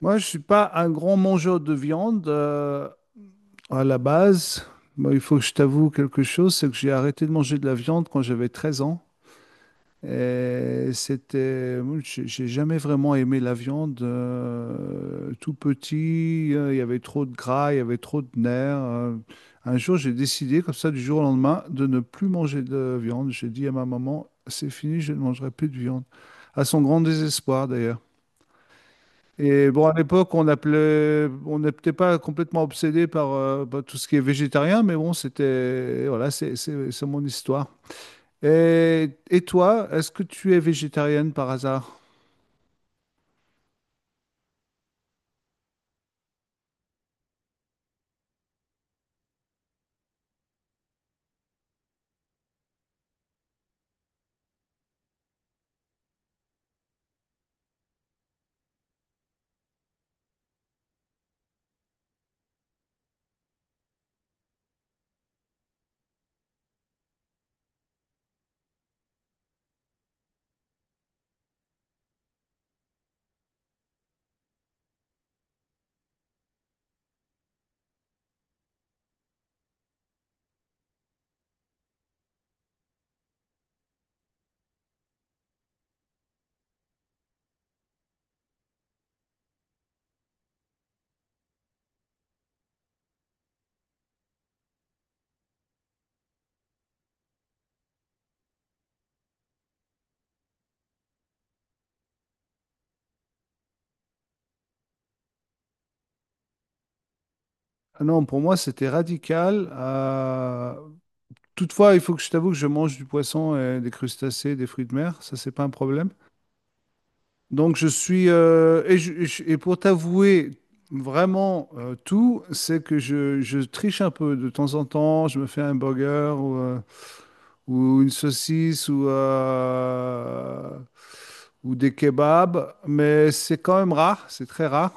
Moi, je suis pas un grand mangeur de viande à la base. Moi, il faut que je t'avoue quelque chose, c'est que j'ai arrêté de manger de la viande quand j'avais 13 ans. Et c'était, moi, j'ai jamais vraiment aimé la viande. Tout petit, il y avait trop de gras, il y avait trop de nerfs. Un jour, j'ai décidé, comme ça, du jour au lendemain, de ne plus manger de viande. J'ai dit à ma maman, c'est fini, je ne mangerai plus de viande. À son grand désespoir, d'ailleurs. Et bon, à l'époque, on appelait, on n'est peut-être pas complètement obsédé par, par tout ce qui est végétarien, mais bon, c'était, voilà, c'est mon histoire. Et toi, est-ce que tu es végétarienne par hasard? Ah non, pour moi, c'était radical. Toutefois, il faut que je t'avoue que je mange du poisson, et des crustacés, des fruits de mer. Ça, c'est pas un problème. Donc, je suis. Et pour t'avouer vraiment tout, c'est que je triche un peu de temps en temps. Je me fais un burger ou une saucisse ou ou des kebabs, mais c'est quand même rare, c'est très rare.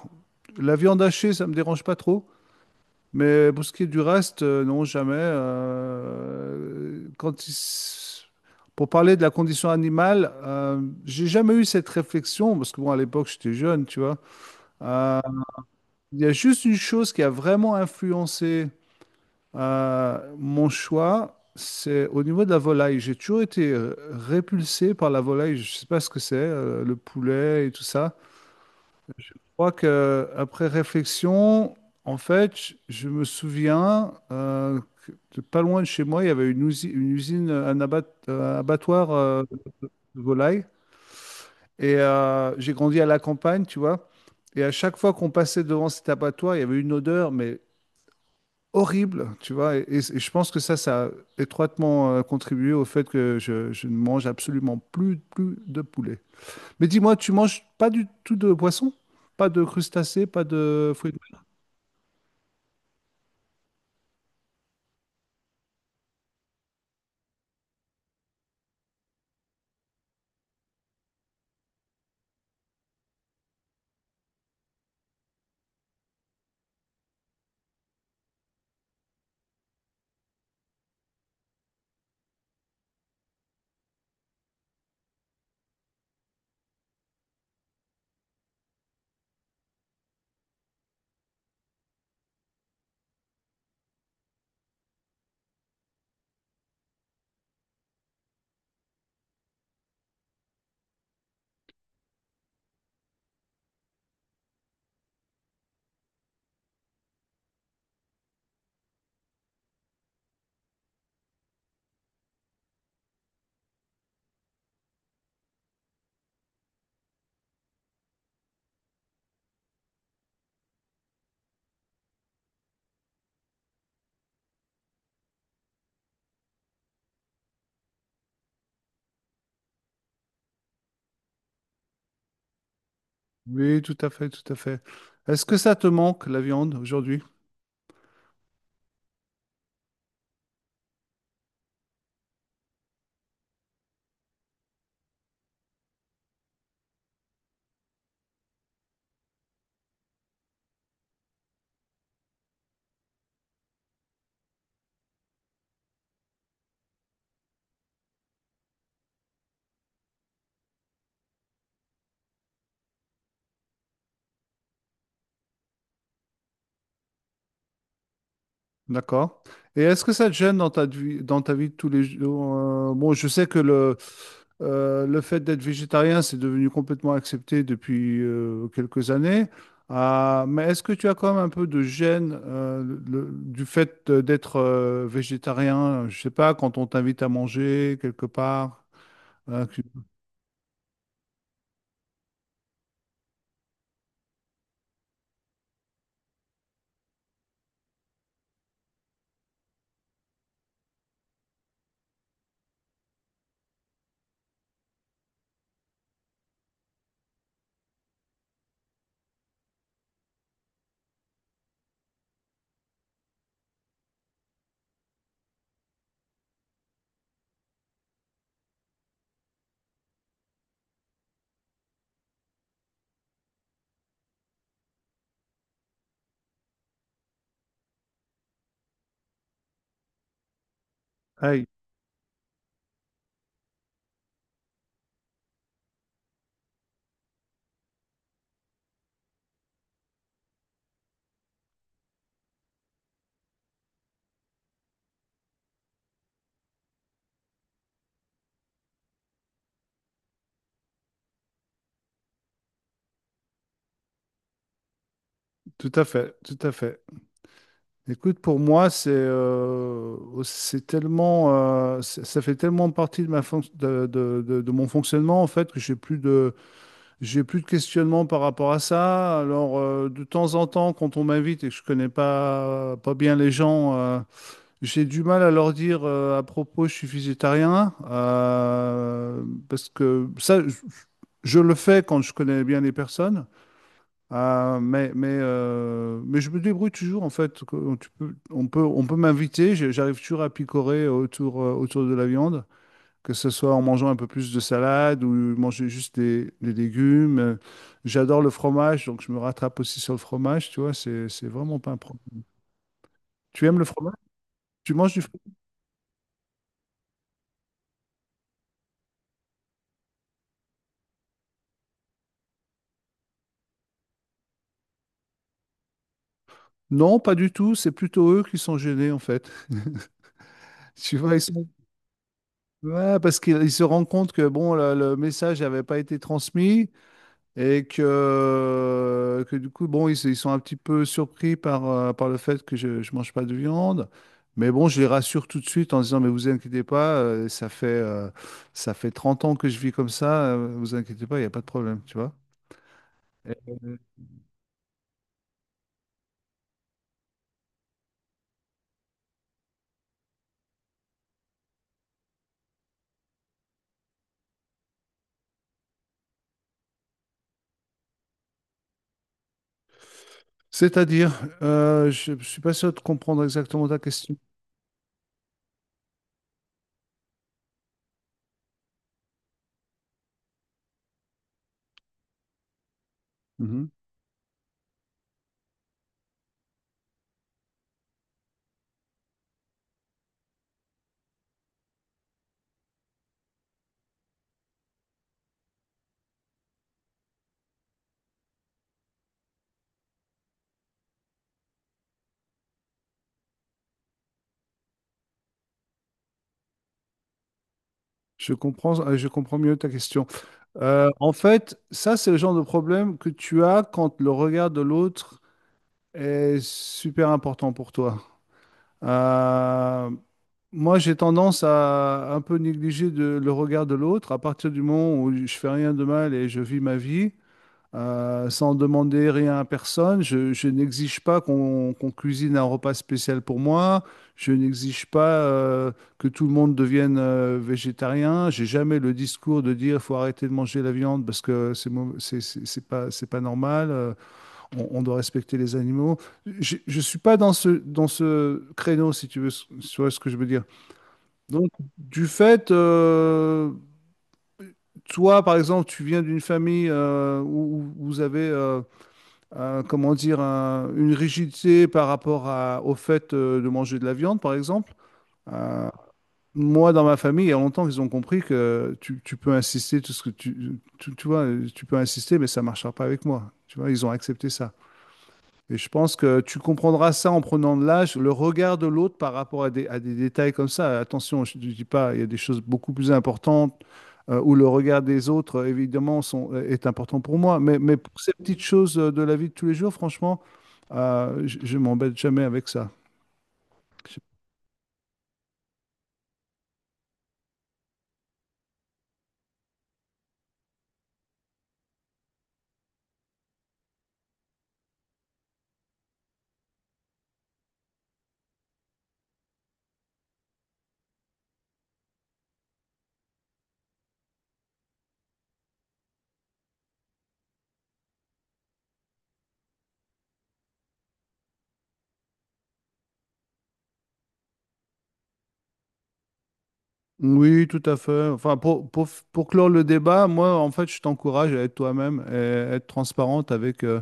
La viande hachée, ça me dérange pas trop, mais pour ce qui est du reste, non, jamais. Pour parler de la condition animale, j'ai jamais eu cette réflexion, parce que bon, à l'époque, j'étais jeune, tu vois. Euh, Il y a juste une chose qui a vraiment influencé mon choix, c'est au niveau de la volaille. J'ai toujours été répulsé par la volaille. Je ne sais pas ce que c'est, le poulet et tout ça. Je crois que après réflexion, en fait, je me souviens que de pas loin de chez moi, il y avait une usine, abattoir de volaille. Et j'ai grandi à la campagne, tu vois. Et à chaque fois qu'on passait devant cet abattoir, il y avait une odeur, mais horrible, tu vois. Et je pense que ça a étroitement contribué au fait que je ne mange absolument plus, plus de poulet. Mais dis-moi, tu manges pas du tout de poisson? Pas de crustacés, pas de fruits de mer? Oui, tout à fait, tout à fait. Est-ce que ça te manque, la viande, aujourd'hui? D'accord. Et est-ce que ça te gêne dans ta vie de tous les jours? Je sais que le fait d'être végétarien, c'est devenu complètement accepté depuis quelques années. Ah, mais est-ce que tu as quand même un peu de gêne d'être végétarien? Je sais pas, quand on t'invite à manger quelque part. hein, que- Aïe, tout à fait, tout à fait. Écoute, pour moi, c'est tellement, ça ça fait tellement partie de ma fonc- de mon fonctionnement en fait que j'ai plus de questionnement par rapport à ça. Alors, de temps en temps, quand on m'invite et que je connais pas bien les gens, j'ai du mal à leur dire à propos, je suis végétarien. Parce que ça, je le fais quand je connais bien les personnes. Mais je me débrouille toujours, en fait. Que- tu peux- on peut m'inviter, j'arrive toujours à picorer autour, autour de la viande que ce soit en mangeant un peu plus de salade ou manger juste des légumes. J'adore le fromage, donc je me rattrape aussi sur le fromage, tu vois, c'est vraiment pas un problème. Tu aimes le fromage? Tu manges du fromage? Non, pas du tout, c'est plutôt eux qui sont gênés en fait. Tu vois, ils sont... Ouais, parce qu'ils ils se rendent compte que bon, le message n'avait pas été transmis. Et que du coup, bon, ils sont un petit peu surpris par, par le fait que je ne mange pas de viande. Mais bon, je les rassure tout de suite en disant, mais vous inquiétez pas, ça fait 30 ans que je vis comme ça, vous inquiétez pas, il n'y a pas de problème, tu vois. Et- C'est-à-dire, je ne suis pas sûr de comprendre exactement ta question. Mhm. Je comprends mieux ta question. En fait, ça, c'est le genre de problème que tu as quand le regard de l'autre est super important pour toi. Euh, Moi, j'ai tendance à un peu négliger le regard de l'autre. À partir du moment où je fais rien de mal et je vis ma vie, sans demander rien à personne, je n'exige pas qu'on cuisine un repas spécial pour moi. Je n'exige pas que tout le monde devienne végétarien. J'ai jamais le discours de dire faut arrêter de manger la viande parce que c'est pas c'est pas normal. On doit respecter les animaux. Je ne suis pas dans ce, dans ce créneau, si tu veux, si tu vois ce que je veux dire. Donc, du fait, euh, toi, par exemple, tu viens d'une famille où, où vous avez, comment dire, une rigidité par rapport au fait de manger de la viande, par exemple. Euh, Moi, dans ma famille, il y a longtemps qu'ils ont compris que tu peux insister, tout ce que tu vois, tu peux insister, mais ça ne marchera pas avec moi. Tu vois, ils ont accepté ça. Et je pense que tu comprendras ça en prenant de l'âge, le regard de l'autre par rapport à des détails comme ça. Attention, je ne dis pas, il y a des choses beaucoup plus importantes où le regard des autres, évidemment, est important pour moi. Mais pour ces petites choses de la vie de tous les jours, franchement, je m'embête jamais avec ça. Je- Oui, tout à fait. Enfin, pour clore le débat, moi, en fait, je t'encourage à être toi-même et à être transparente avec,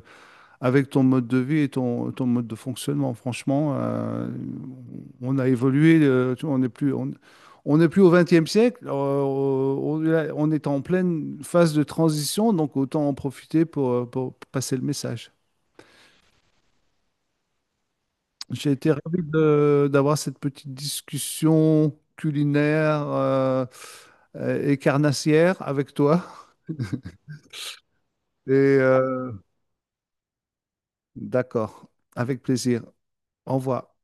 avec ton mode de vie et ton mode de fonctionnement. Franchement, on a évolué, tu vois, on n'est plus au XXe siècle, on est en pleine phase de transition, donc autant en profiter pour passer le message. J'ai été ravi d'avoir cette petite discussion culinaire et carnassière avec toi. Et euh, d'accord, avec plaisir. Au revoir.